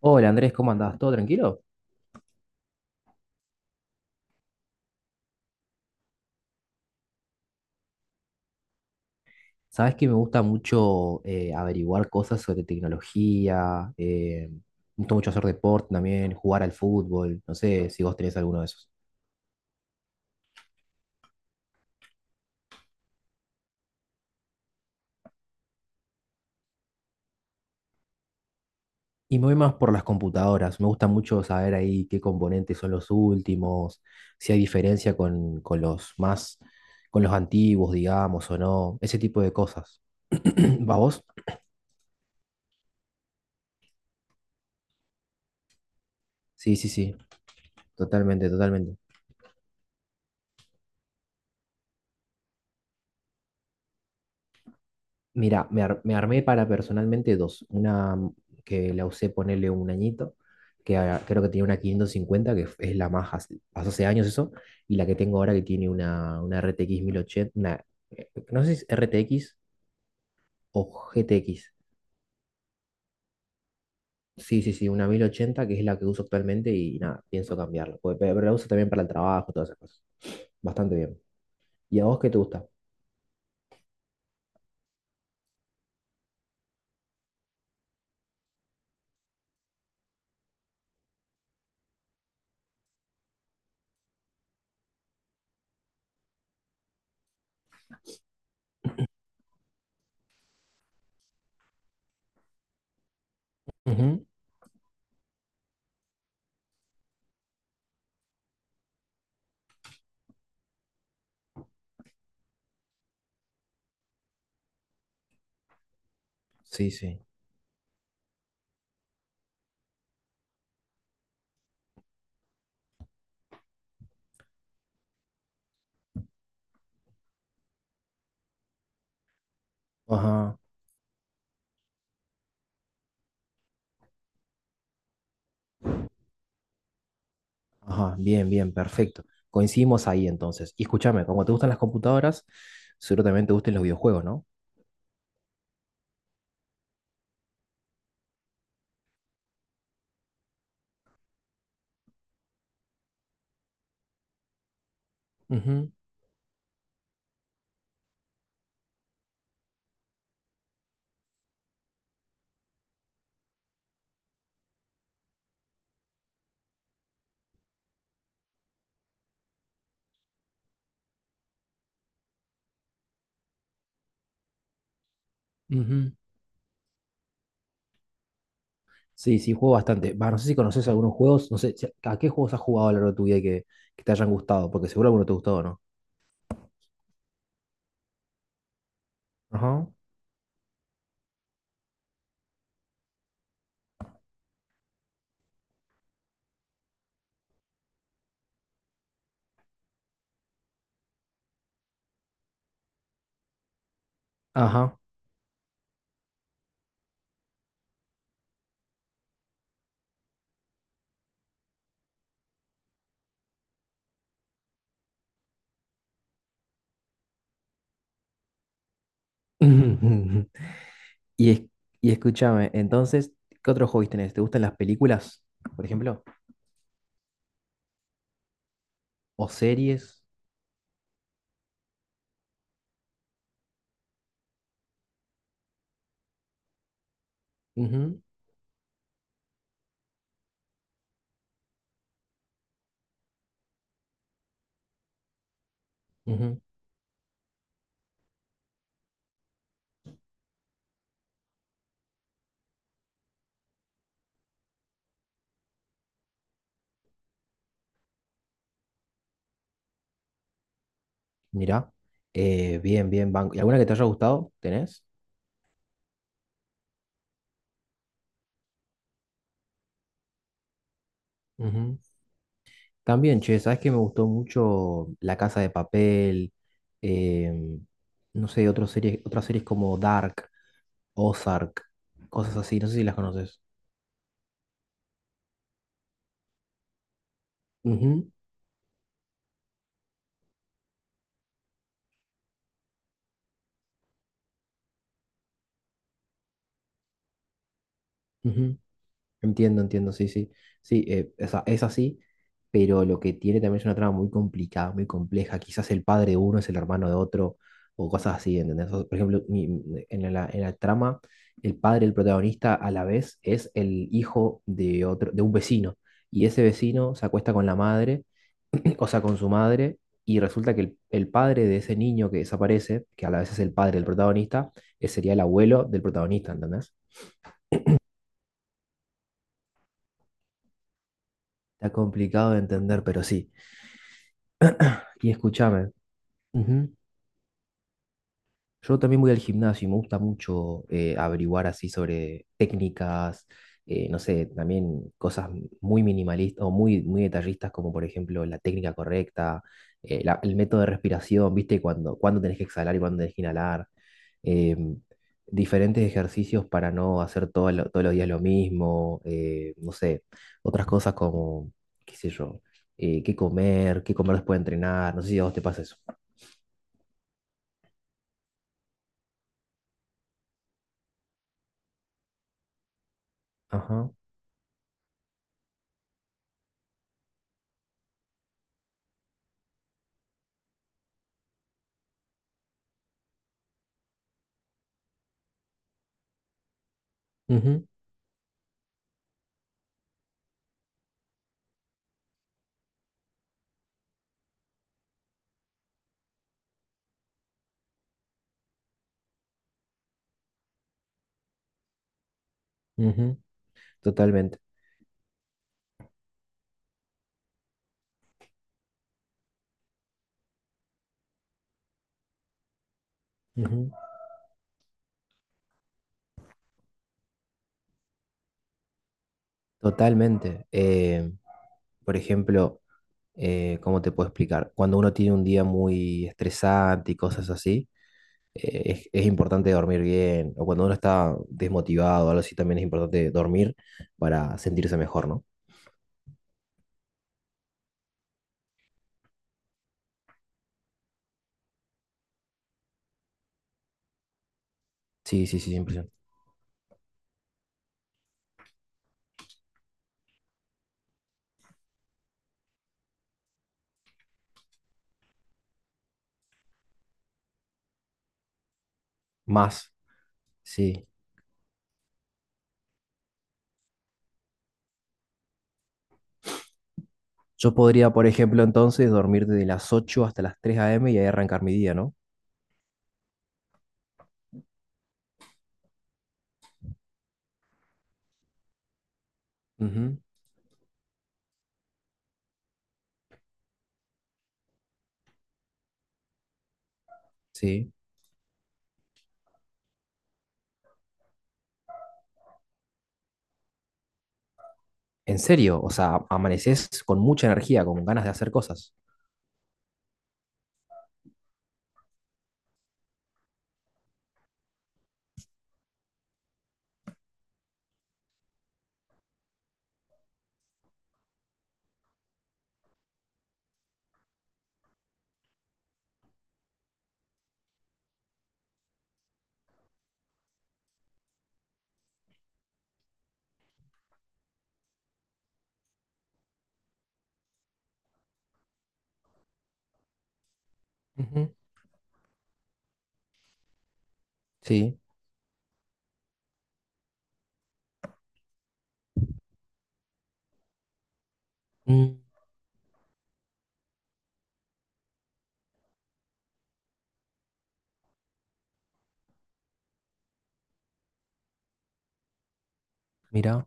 Hola Andrés, ¿cómo andás? ¿Todo tranquilo? Sabes que me gusta mucho averiguar cosas sobre tecnología, me gusta mucho hacer deporte también, jugar al fútbol, no sé si vos tenés alguno de esos. Y me voy más por las computadoras, me gusta mucho saber ahí qué componentes son los últimos, si hay diferencia con los más, con los antiguos, digamos, o no, ese tipo de cosas. ¿Va vos? Sí, sí, sí, totalmente, totalmente. Mira, me armé para personalmente dos. Una que la usé ponerle un añito, que creo que tiene una 550, que es la más hace, pasó hace años eso, y la que tengo ahora que tiene una RTX 1080, una, no sé si es RTX o GTX. Sí, sí, sí, una 1080 que es la que uso actualmente y nada, pienso cambiarla. Pues, pero la uso también para el trabajo, todas esas cosas. Bastante bien. ¿Y a vos qué te gusta? Ujú. Sí, sí. Ajá. Ajá, bien, bien, perfecto. Coincidimos ahí entonces. Y escúchame, como te gustan las computadoras, seguro también te gusten los videojuegos, ¿no? Ujú, ujú. Sí, sí, juego bastante. Va, no sé si conoces algunos juegos, no sé, ¿a qué juegos has jugado a lo largo de tu vida que te hayan gustado? Porque seguro alguno te gustó, ¿no? Ajá, ajá. Y, es- y escúchame, entonces, ¿qué otros hobbies tenés? ¿Te gustan las películas, por ejemplo? ¿O series? Ujú, ujú. Mirá, bien, bien, banco. ¿Y alguna que te haya gustado? ¿Tenés? También, che, sabes que me gustó mucho La Casa de Papel, em, no sé, otras series como Dark, Ozark, cosas así, no sé si las conoces. Ujú, ujú. Entiendo, entiendo, sí, sí. Sí, o sea, es así, pero lo que tiene también es una trama muy complicada, muy compleja. Quizás el padre de uno es el hermano de otro, o cosas así, ¿entendés? O, por ejemplo, en la trama, el padre del protagonista a la vez es el hijo de otro, de un vecino. Y ese vecino se acuesta con la madre, o sea, con su madre, y resulta que el padre de ese niño que desaparece, que a la vez es el padre del protagonista, sería el abuelo del protagonista, ¿entendés? Está complicado de entender, pero sí. Y escúchame, ujú. Yo también voy al gimnasio y me gusta mucho averiguar así sobre técnicas, no sé, también cosas muy minimalistas o muy, muy detallistas, como por ejemplo la técnica correcta, el método de respiración, ¿viste? Cuando, cuándo tenés que exhalar y cuándo tenés que inhalar, em, diferentes ejercicios para no hacer todo todos los días lo mismo, no sé, otras cosas como, qué sé yo, qué comer después de entrenar, no sé si a vos te pasa eso. Ajá. Ujú, ujú. Totalmente. Ujú. Totalmente. Por ejemplo, ¿cómo te puedo explicar? Cuando uno tiene un día muy estresante y cosas así, es importante dormir bien. O cuando uno está desmotivado o algo así, también es importante dormir para sentirse mejor, ¿no? Sí, sí, sí, 100%. Más, sí. Yo podría, por ejemplo, entonces dormir desde las 8 hasta las 3 a.m. y ahí arrancar mi día, ¿no? Ujú. Sí. En serio, o sea, amaneces con mucha energía, con ganas de hacer cosas. Ujú. Sí. Mm, mira.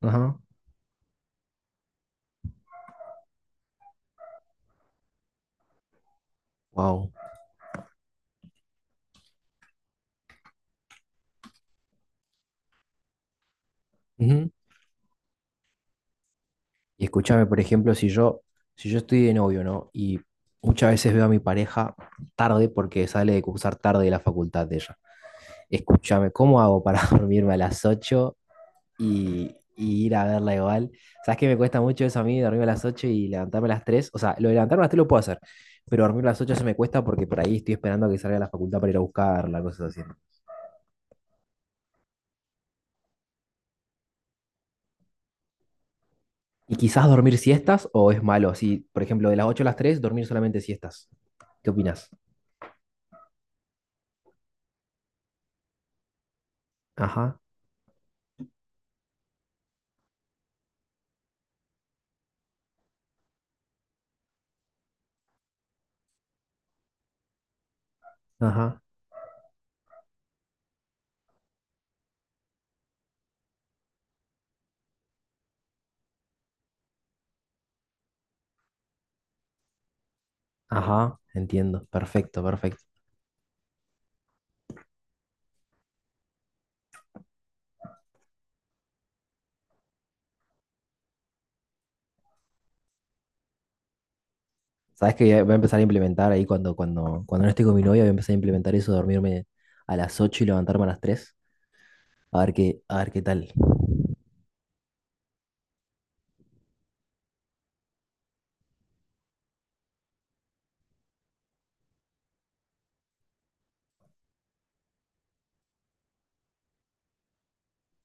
Ajá, wow. Ujú. Y escúchame, por ejemplo, si yo estoy de novio, ¿no? Y muchas veces veo a mi pareja tarde porque sale de cursar tarde de la facultad de ella. Escúchame, ¿cómo hago para dormirme a las ocho y ir a verla igual? ¿Sabes que me cuesta mucho eso a mí, dormirme a las 8 y levantarme a las tres? O sea, lo de levantarme a las 3 lo puedo hacer, pero dormir a las 8 se me cuesta porque por ahí estoy esperando a que salga de la facultad para ir a buscarla, cosas así. ¿No? ¿Y quizás dormir siestas o es malo? Así, por ejemplo, de las 8 a las tres dormir solamente siestas. ¿Qué opinas? Ajá, ajá, ajá, entiendo. Perfecto, perfecto. ¿Sabes que voy a empezar a implementar ahí cuando no esté con mi novia? Voy a empezar a implementar eso, dormirme a las 8 y levantarme a las tres. A ver qué tal.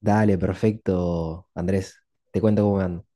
Dale, perfecto, Andrés. Te cuento cómo me ando.